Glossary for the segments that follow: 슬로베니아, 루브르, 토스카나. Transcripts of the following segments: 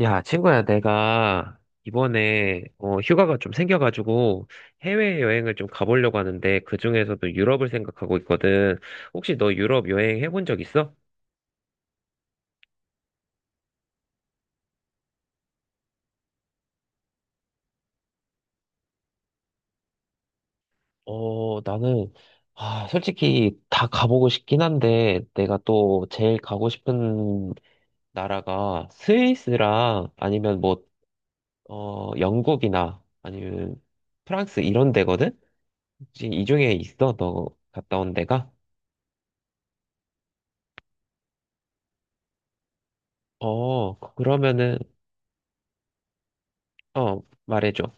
야, 친구야, 내가 이번에 휴가가 좀 생겨가지고 해외여행을 좀 가보려고 하는데 그중에서도 유럽을 생각하고 있거든. 혹시 너 유럽 여행 해본 적 있어? 어, 나는, 아, 솔직히 다 가보고 싶긴 한데, 내가 또 제일 가고 싶은 나라가 스위스랑 아니면 뭐, 영국이나 아니면 프랑스 이런 데거든? 혹시 이 중에 있어? 너 갔다 온 데가? 어, 그러면은 어, 말해줘.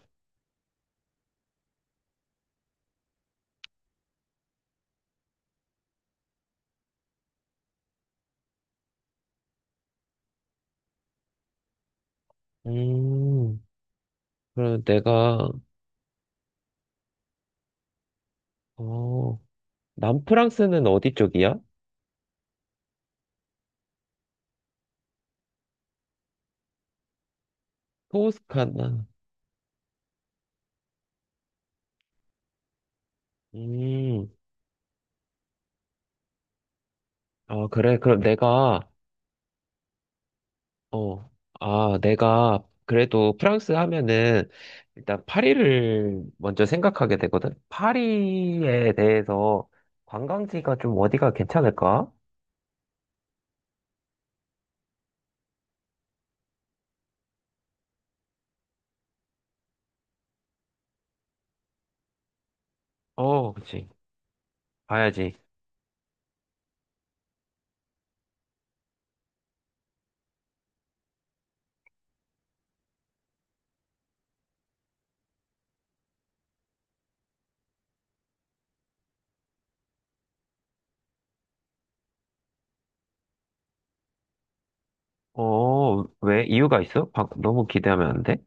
음, 그럼 내가, 어, 남프랑스는 어디 쪽이야? 토스카나. 음, 아, 그래. 그럼 내가, 어, 아, 내가, 그래도 프랑스 하면은, 일단 파리를 먼저 생각하게 되거든. 파리에 대해서 관광지가 좀 어디가 괜찮을까? 어, 그치. 봐야지. 어, 왜? 이유가 있어? 너무 기대하면 안 돼?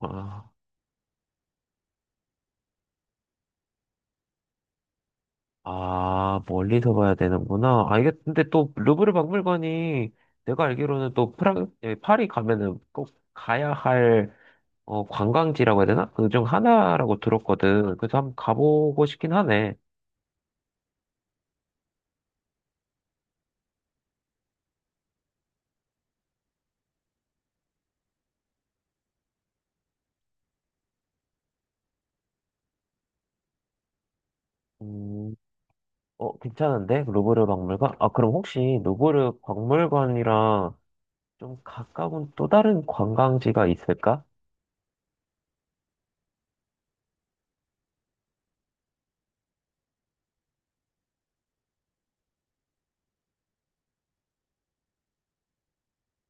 아. 아, 멀리서 봐야 되는구나. 아, 이게 근데 또 루브르 박물관이 내가 알기로는 또 예, 파리 가면은 꼭 가야 할 어, 관광지라고 해야 되나? 그 중 하나라고 들었거든. 그래서 한번 가보고 싶긴 하네. 음, 어, 괜찮은데? 루브르 박물관? 아, 그럼 혹시 루브르 박물관이랑 좀 가까운 또 다른 관광지가 있을까?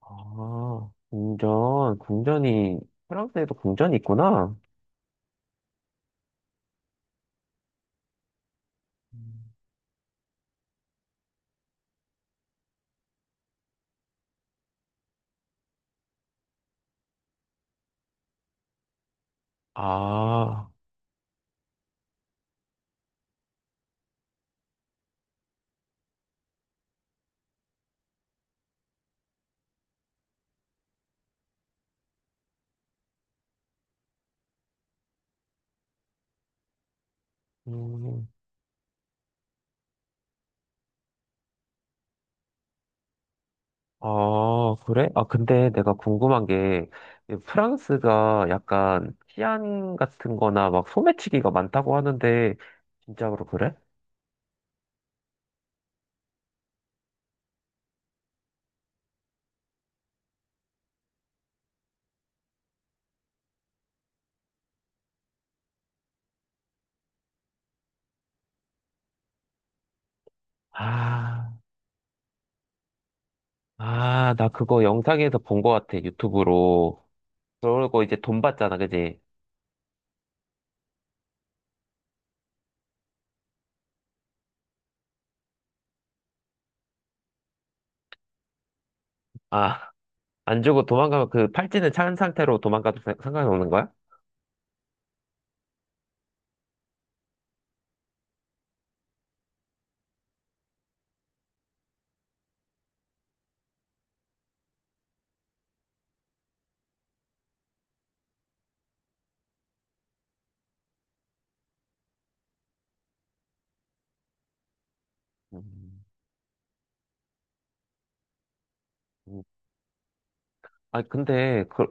아, 궁전이, 프랑스에도 궁전이 있구나. 음. 아, 음. 아, 그래? 아, 근데 내가 궁금한 게, 프랑스가 약간 치안 같은 거나 막 소매치기가 많다고 하는데, 진짜로 그래? 아, 아, 나 그거 영상에서 본 거 같아, 유튜브로. 그러고 이제 돈 받잖아, 그지? 아, 안 주고 도망가면 그 팔찌는 찬 상태로 도망가도 상관이 없는 거야? 음, 음. 아니, 근데, 그,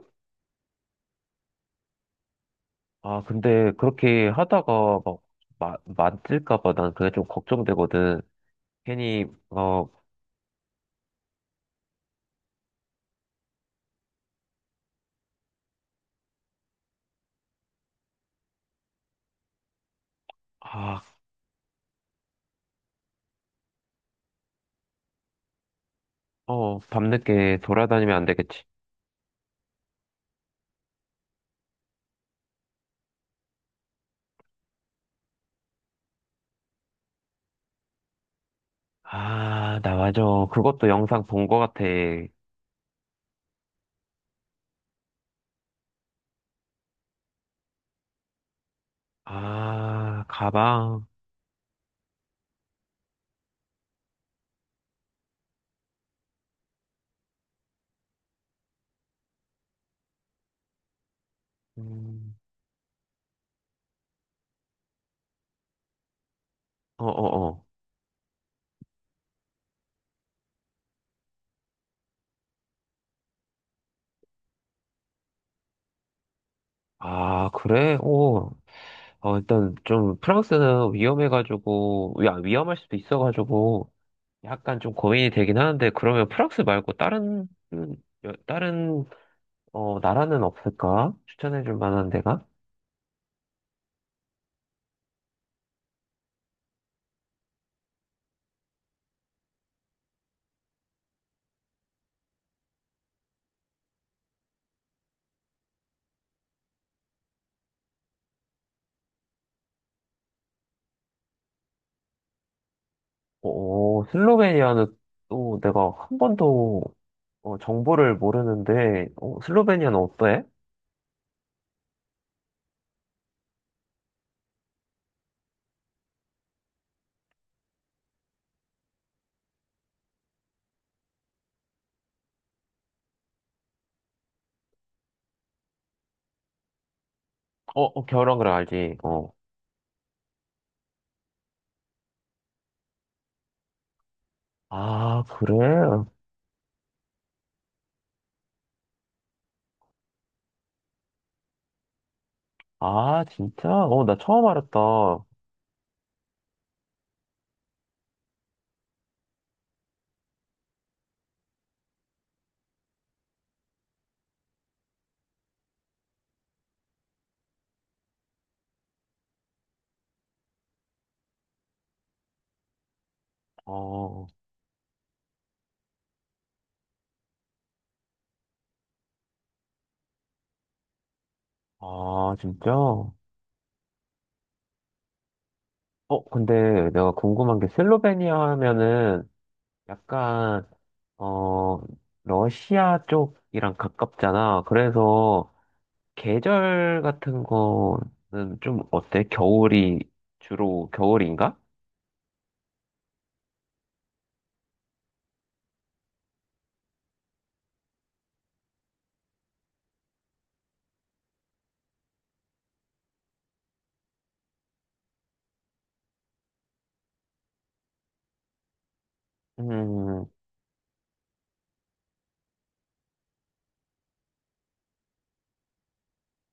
아, 근데 그렇게 하다가 막, 만질까 봐 난 그게 좀 걱정되거든. 괜히, 어, 아, 어, 밤늦게 돌아다니면 안 되겠지. 아, 나 맞아. 그것도 영상 본 거 같아. 아, 가방. 음, 어, 어, 어. 아, 그래? 오. 어, 일단 좀 프랑스는 위험해가지고, 야, 위험할 수도 있어가지고, 약간 좀 고민이 되긴 하는데, 그러면 프랑스 말고 다른, 음, 다른, 어, 나라는 없을까? 추천해줄 만한 데가? 오, 슬로베니아는 또 내가 한 번도 어, 정보를 모르는데, 어, 슬로베니아는 어때? 어, 어, 겨울왕그을 알지. 어. 아, 그래? 아, 진짜? 어, 나 처음 알았다. 어, 아, 진짜? 어, 근데 내가 궁금한 게 슬로베니아 하면은 약간, 어, 러시아 쪽이랑 가깝잖아. 그래서 계절 같은 거는 좀 어때? 겨울이, 주로 겨울인가? 음,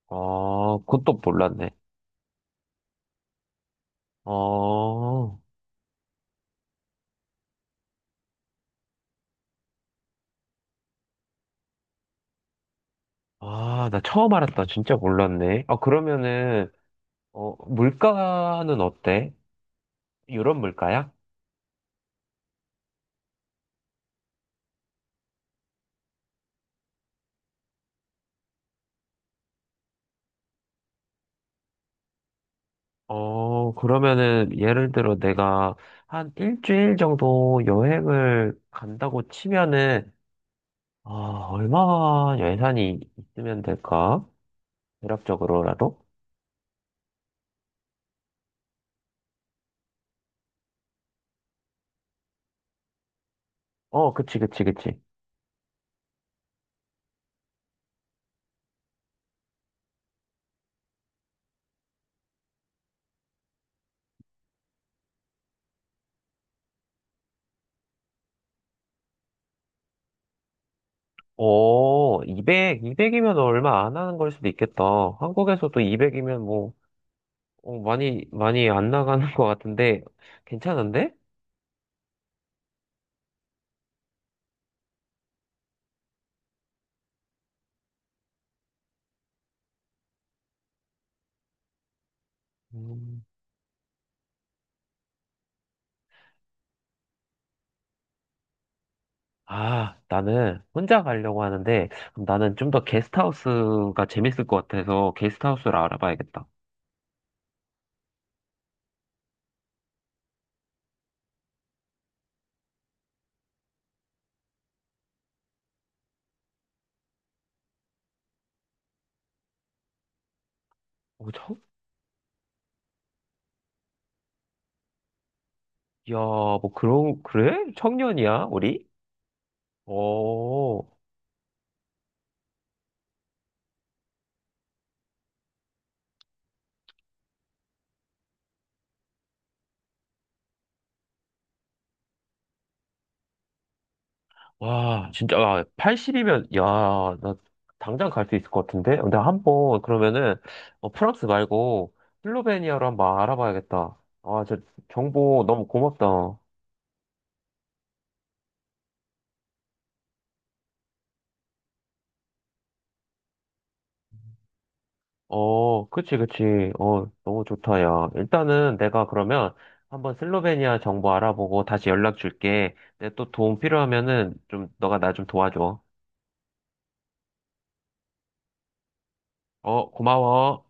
아, 그것도 몰랐네. 어, 아, 나 처음 알았다. 진짜 몰랐네. 아, 그러면은, 어, 물가는 어때? 유럽 물가야? 어, 그러면은, 예를 들어 내가 한 일주일 정도 여행을 간다고 치면은, 아, 얼마 예산이 있으면 될까? 대략적으로라도? 어, 그치, 그치, 그치. 오, 이백 이 200이면 얼마 안 하는 걸 수도 있겠다. 한국에서도 200이면 뭐, 어, 많이 안 나가는 것 같은데, 괜찮은데? 음. 아, 나는 혼자 가려고 하는데, 그럼 나는 좀 더 게스트하우스가 재밌을 것 같아서 게스트하우스를 알아봐야겠다. 어, 청? 야, 뭐 그런, 그래? 청년이야, 우리? 어, 와, 진짜, 와 80이면, 야, 나 당장 갈 수 있을 것 같은데? 근데 한번, 그러면은, 어, 프랑스 말고, 슬로베니아로 한번 알아봐야겠다. 아, 저 정보 너무 고맙다. 어, 그치, 그치. 어, 너무 좋다, 야. 일단은 내가 그러면 한번 슬로베니아 정보 알아보고 다시 연락 줄게. 내 또 도움 필요하면은 좀 너가 나 좀 도와줘. 어, 고마워.